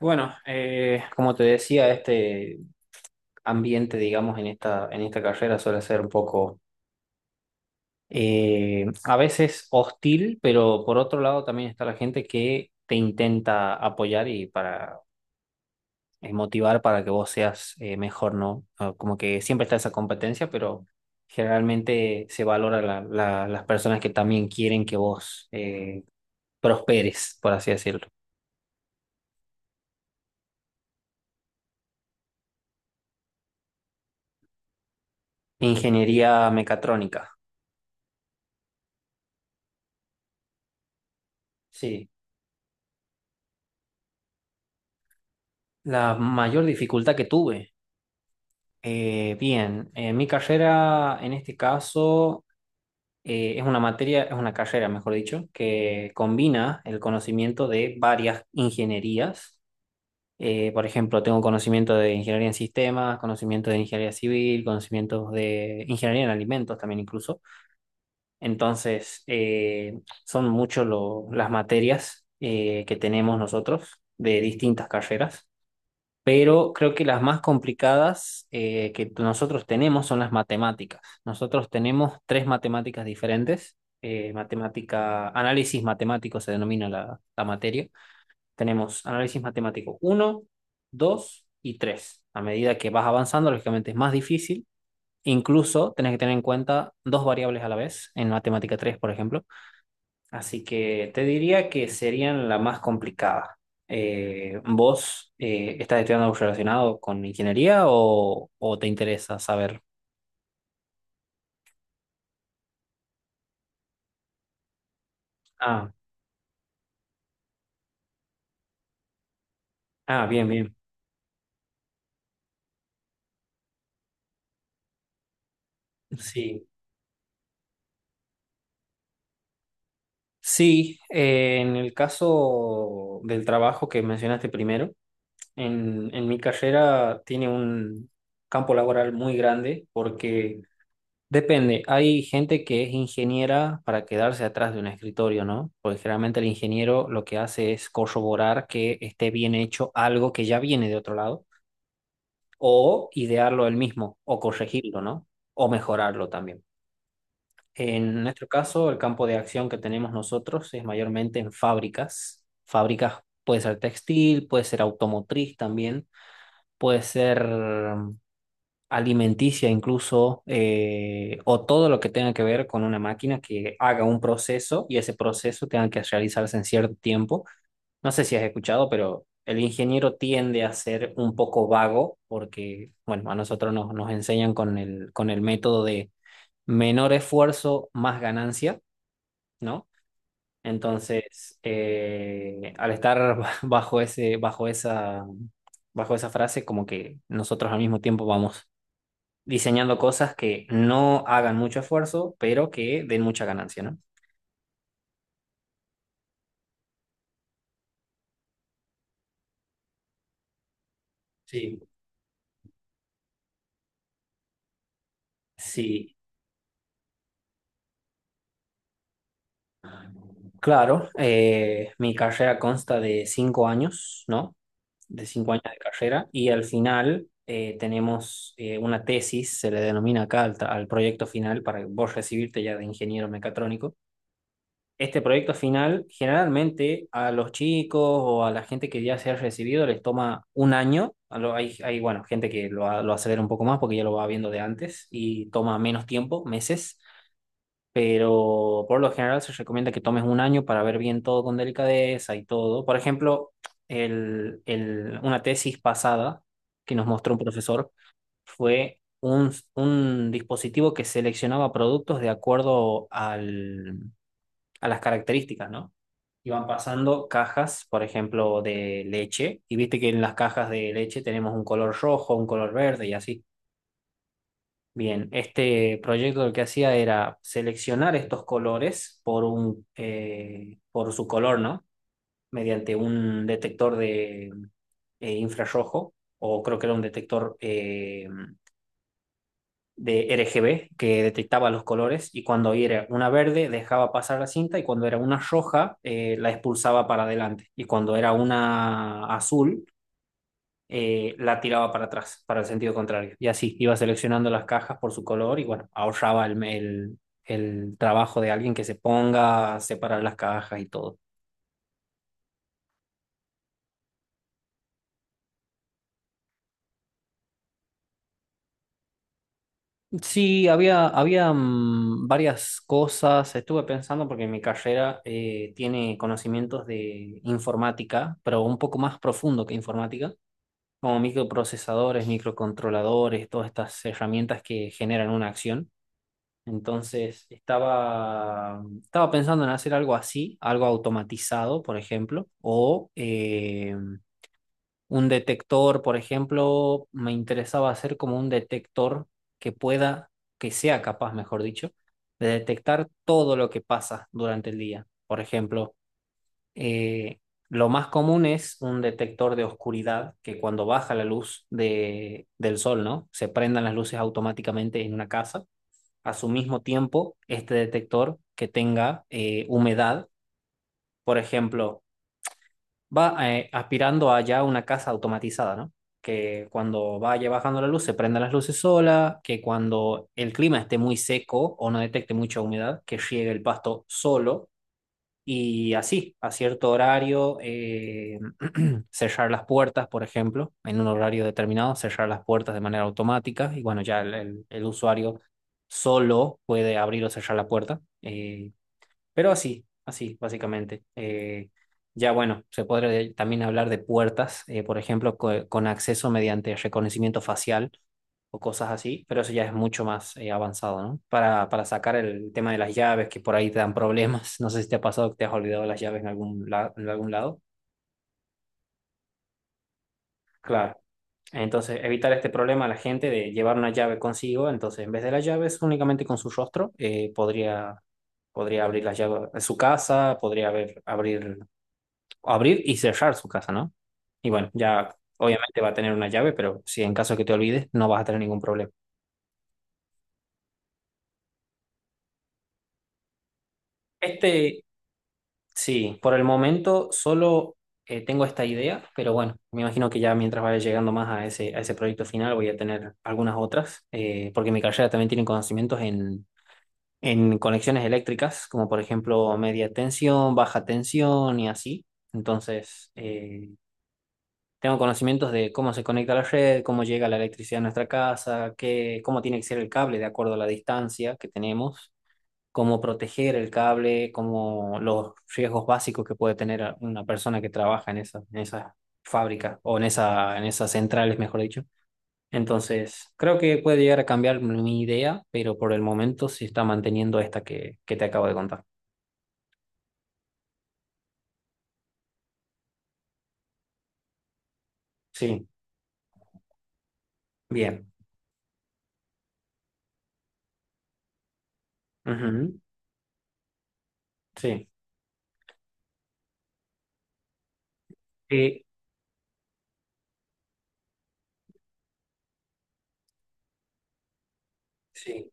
Bueno, como te decía, este ambiente, digamos, en esta carrera suele ser un poco, a veces hostil, pero por otro lado también está la gente que te intenta apoyar y para motivar para que vos seas mejor, ¿no? Ah, como que siempre está esa competencia, pero generalmente se valora las personas que también quieren que vos prosperes, por así decirlo. Ingeniería mecatrónica, sí. La mayor dificultad que tuve. Bien, mi carrera en este caso es una materia, es una carrera, mejor dicho, que combina el conocimiento de varias ingenierías. Por ejemplo, tengo conocimiento de ingeniería en sistemas, conocimiento de ingeniería civil, conocimientos de ingeniería en alimentos también incluso. Entonces, son muchos las materias que tenemos nosotros de distintas carreras, pero creo que las más complicadas que nosotros tenemos son las matemáticas. Nosotros tenemos tres matemáticas diferentes. Matemática, análisis matemático se denomina la materia. Tenemos análisis matemático uno, 2 y 3. A medida que vas avanzando, lógicamente es más difícil. Incluso tenés que tener en cuenta dos variables a la vez en matemática 3, por ejemplo. Así que te diría que serían la más complicada. ¿Vos estás estudiando algo relacionado con ingeniería o te interesa saber? Ah, ah, bien, bien. Sí. Sí, en el caso del trabajo que mencionaste primero, en mi carrera tiene un campo laboral muy grande porque depende. Hay gente que es ingeniera para quedarse atrás de un escritorio, ¿no? Porque generalmente el ingeniero lo que hace es corroborar que esté bien hecho algo que ya viene de otro lado, o idearlo él mismo, o corregirlo, ¿no? O mejorarlo también. En nuestro caso, el campo de acción que tenemos nosotros es mayormente en fábricas. Fábricas puede ser textil, puede ser automotriz también, puede ser alimenticia incluso, o todo lo que tenga que ver con una máquina que haga un proceso y ese proceso tenga que realizarse en cierto tiempo. No sé si has escuchado, pero el ingeniero tiende a ser un poco vago porque, bueno, a nosotros nos, nos enseñan con el método de menor esfuerzo, más ganancia, ¿no? Entonces, al estar bajo ese, bajo esa, bajo esa frase, como que nosotros al mismo tiempo vamos diseñando cosas que no hagan mucho esfuerzo, pero que den mucha ganancia, ¿no? Sí, sí, claro, mi carrera consta de 5 años, ¿no? De 5 años de carrera y al final tenemos una tesis, se le denomina acá al proyecto final para vos recibirte ya de ingeniero mecatrónico. Este proyecto final, generalmente a los chicos o a la gente que ya se ha recibido les toma un año. Bueno, gente que lo acelera un poco más porque ya lo va viendo de antes y toma menos tiempo, meses, pero por lo general se recomienda que tomes un año para ver bien todo con delicadeza y todo. Por ejemplo, una tesis pasada que nos mostró un profesor fue un dispositivo que seleccionaba productos de acuerdo al a las características, ¿no? Iban pasando cajas, por ejemplo, de leche, y viste que en las cajas de leche tenemos un color rojo, un color verde y así. Bien, este proyecto lo que hacía era seleccionar estos colores por un, por su color, ¿no? Mediante un detector de infrarrojo, o creo que era un detector de RGB que detectaba los colores y cuando era una verde dejaba pasar la cinta y cuando era una roja la expulsaba para adelante y cuando era una azul la tiraba para atrás, para el sentido contrario. Y así iba seleccionando las cajas por su color y bueno, ahorraba el trabajo de alguien que se ponga a separar las cajas y todo. Sí, había varias cosas. Estuve pensando porque mi carrera tiene conocimientos de informática, pero un poco más profundo que informática, como microprocesadores, microcontroladores, todas estas herramientas que generan una acción. Entonces, estaba, estaba pensando en hacer algo así, algo automatizado, por ejemplo, o un detector, por ejemplo, me interesaba hacer como un detector que pueda, que sea capaz, mejor dicho, de detectar todo lo que pasa durante el día. Por ejemplo, eh, lo más común es un detector de oscuridad que cuando baja la luz del sol, ¿no? Se prendan las luces automáticamente en una casa. A su mismo tiempo, este detector que tenga humedad, por ejemplo, va aspirando allá a ya una casa automatizada, ¿no? Que cuando vaya bajando la luz se prendan las luces sola, que cuando el clima esté muy seco o no detecte mucha humedad, que riegue el pasto solo y así, a cierto horario, cerrar las puertas, por ejemplo, en un horario determinado, cerrar las puertas de manera automática y bueno, ya el usuario solo puede abrir o cerrar la puerta. Pero así, así, básicamente. Ya bueno, se podría también hablar de puertas, por ejemplo, con acceso mediante reconocimiento facial o cosas así, pero eso ya es mucho más avanzado, ¿no? Para sacar el tema de las llaves, que por ahí te dan problemas. No sé si te ha pasado que te has olvidado las llaves en algún lado. Claro. Entonces, evitar este problema a la gente de llevar una llave consigo. Entonces, en vez de las llaves, únicamente con su rostro, podría abrir las llaves de su casa, podría abrir y cerrar su casa, ¿no? Y bueno, ya obviamente va a tener una llave, pero si en caso que te olvides, no vas a tener ningún problema. Este, sí, por el momento solo tengo esta idea, pero bueno, me imagino que ya mientras vaya llegando más a ese proyecto final voy a tener algunas otras, porque mi carrera también tiene conocimientos en conexiones eléctricas, como por ejemplo media tensión, baja tensión y así. Entonces, tengo conocimientos de cómo se conecta la red, cómo llega la electricidad a nuestra casa, qué, cómo tiene que ser el cable de acuerdo a la distancia que tenemos, cómo proteger el cable, cómo los riesgos básicos que puede tener una persona que trabaja en esa fábrica o en esas centrales, mejor dicho. Entonces, creo que puede llegar a cambiar mi idea, pero por el momento se está manteniendo esta que te acabo de contar. Sí, bien. Ujú, sí. Eh, Sí.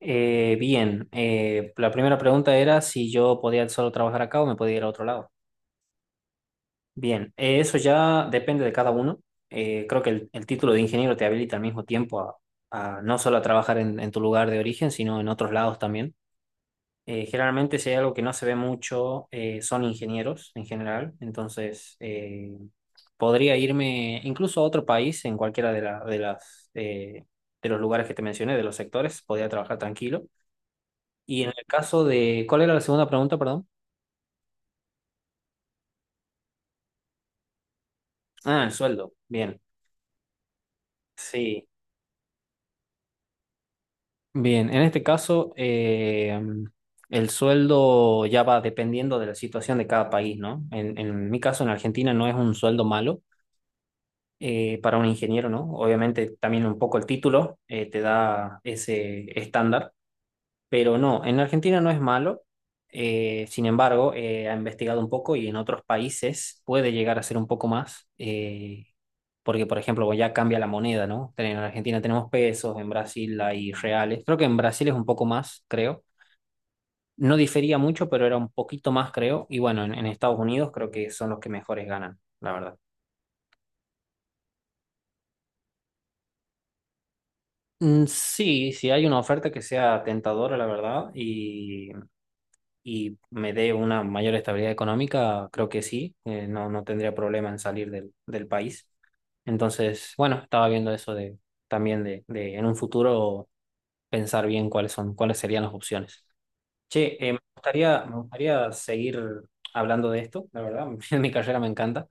Bien, la primera pregunta era si yo podía solo trabajar acá o me podía ir a otro lado. Bien, eso ya depende de cada uno. Creo que el título de ingeniero te habilita al mismo tiempo a no solo a trabajar en tu lugar de origen, sino en otros lados también. Generalmente si hay algo que no se ve mucho, son ingenieros en general. Entonces, podría irme incluso a otro país, en cualquiera de, la- de las, de los lugares que te mencioné, de los sectores, podría trabajar tranquilo. Y en el caso de, ¿cuál era la segunda pregunta, perdón? Ah, el sueldo. Bien, sí. Bien, en este caso, el sueldo ya va dependiendo de la situación de cada país, ¿no? En mi caso, en Argentina no es un sueldo malo para un ingeniero, ¿no? Obviamente también un poco el título te da ese estándar. Pero no, en Argentina no es malo. Sin embargo, ha investigado un poco y en otros países puede llegar a ser un poco más. Porque, por ejemplo, pues ya cambia la moneda, ¿no? En Argentina tenemos pesos, en Brasil hay reales. Creo que en Brasil es un poco más, creo. No difería mucho, pero era un poquito más, creo. Y bueno, en Estados Unidos creo que son los que mejores ganan, la verdad. Mm, sí, sí hay una oferta que sea tentadora, la verdad, y me dé una mayor estabilidad económica, creo que sí, no, no tendría problema en salir del país. Entonces, bueno, estaba viendo eso de también de en un futuro pensar bien cuáles serían las opciones. Che, me gustaría seguir hablando de esto, la verdad, mi carrera me encanta,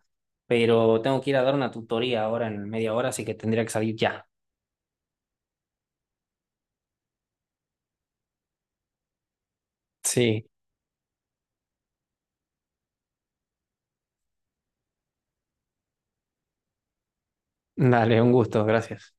pero tengo que ir a dar una tutoría ahora en media hora, así que tendría que salir ya. Sí, dale, un gusto, gracias.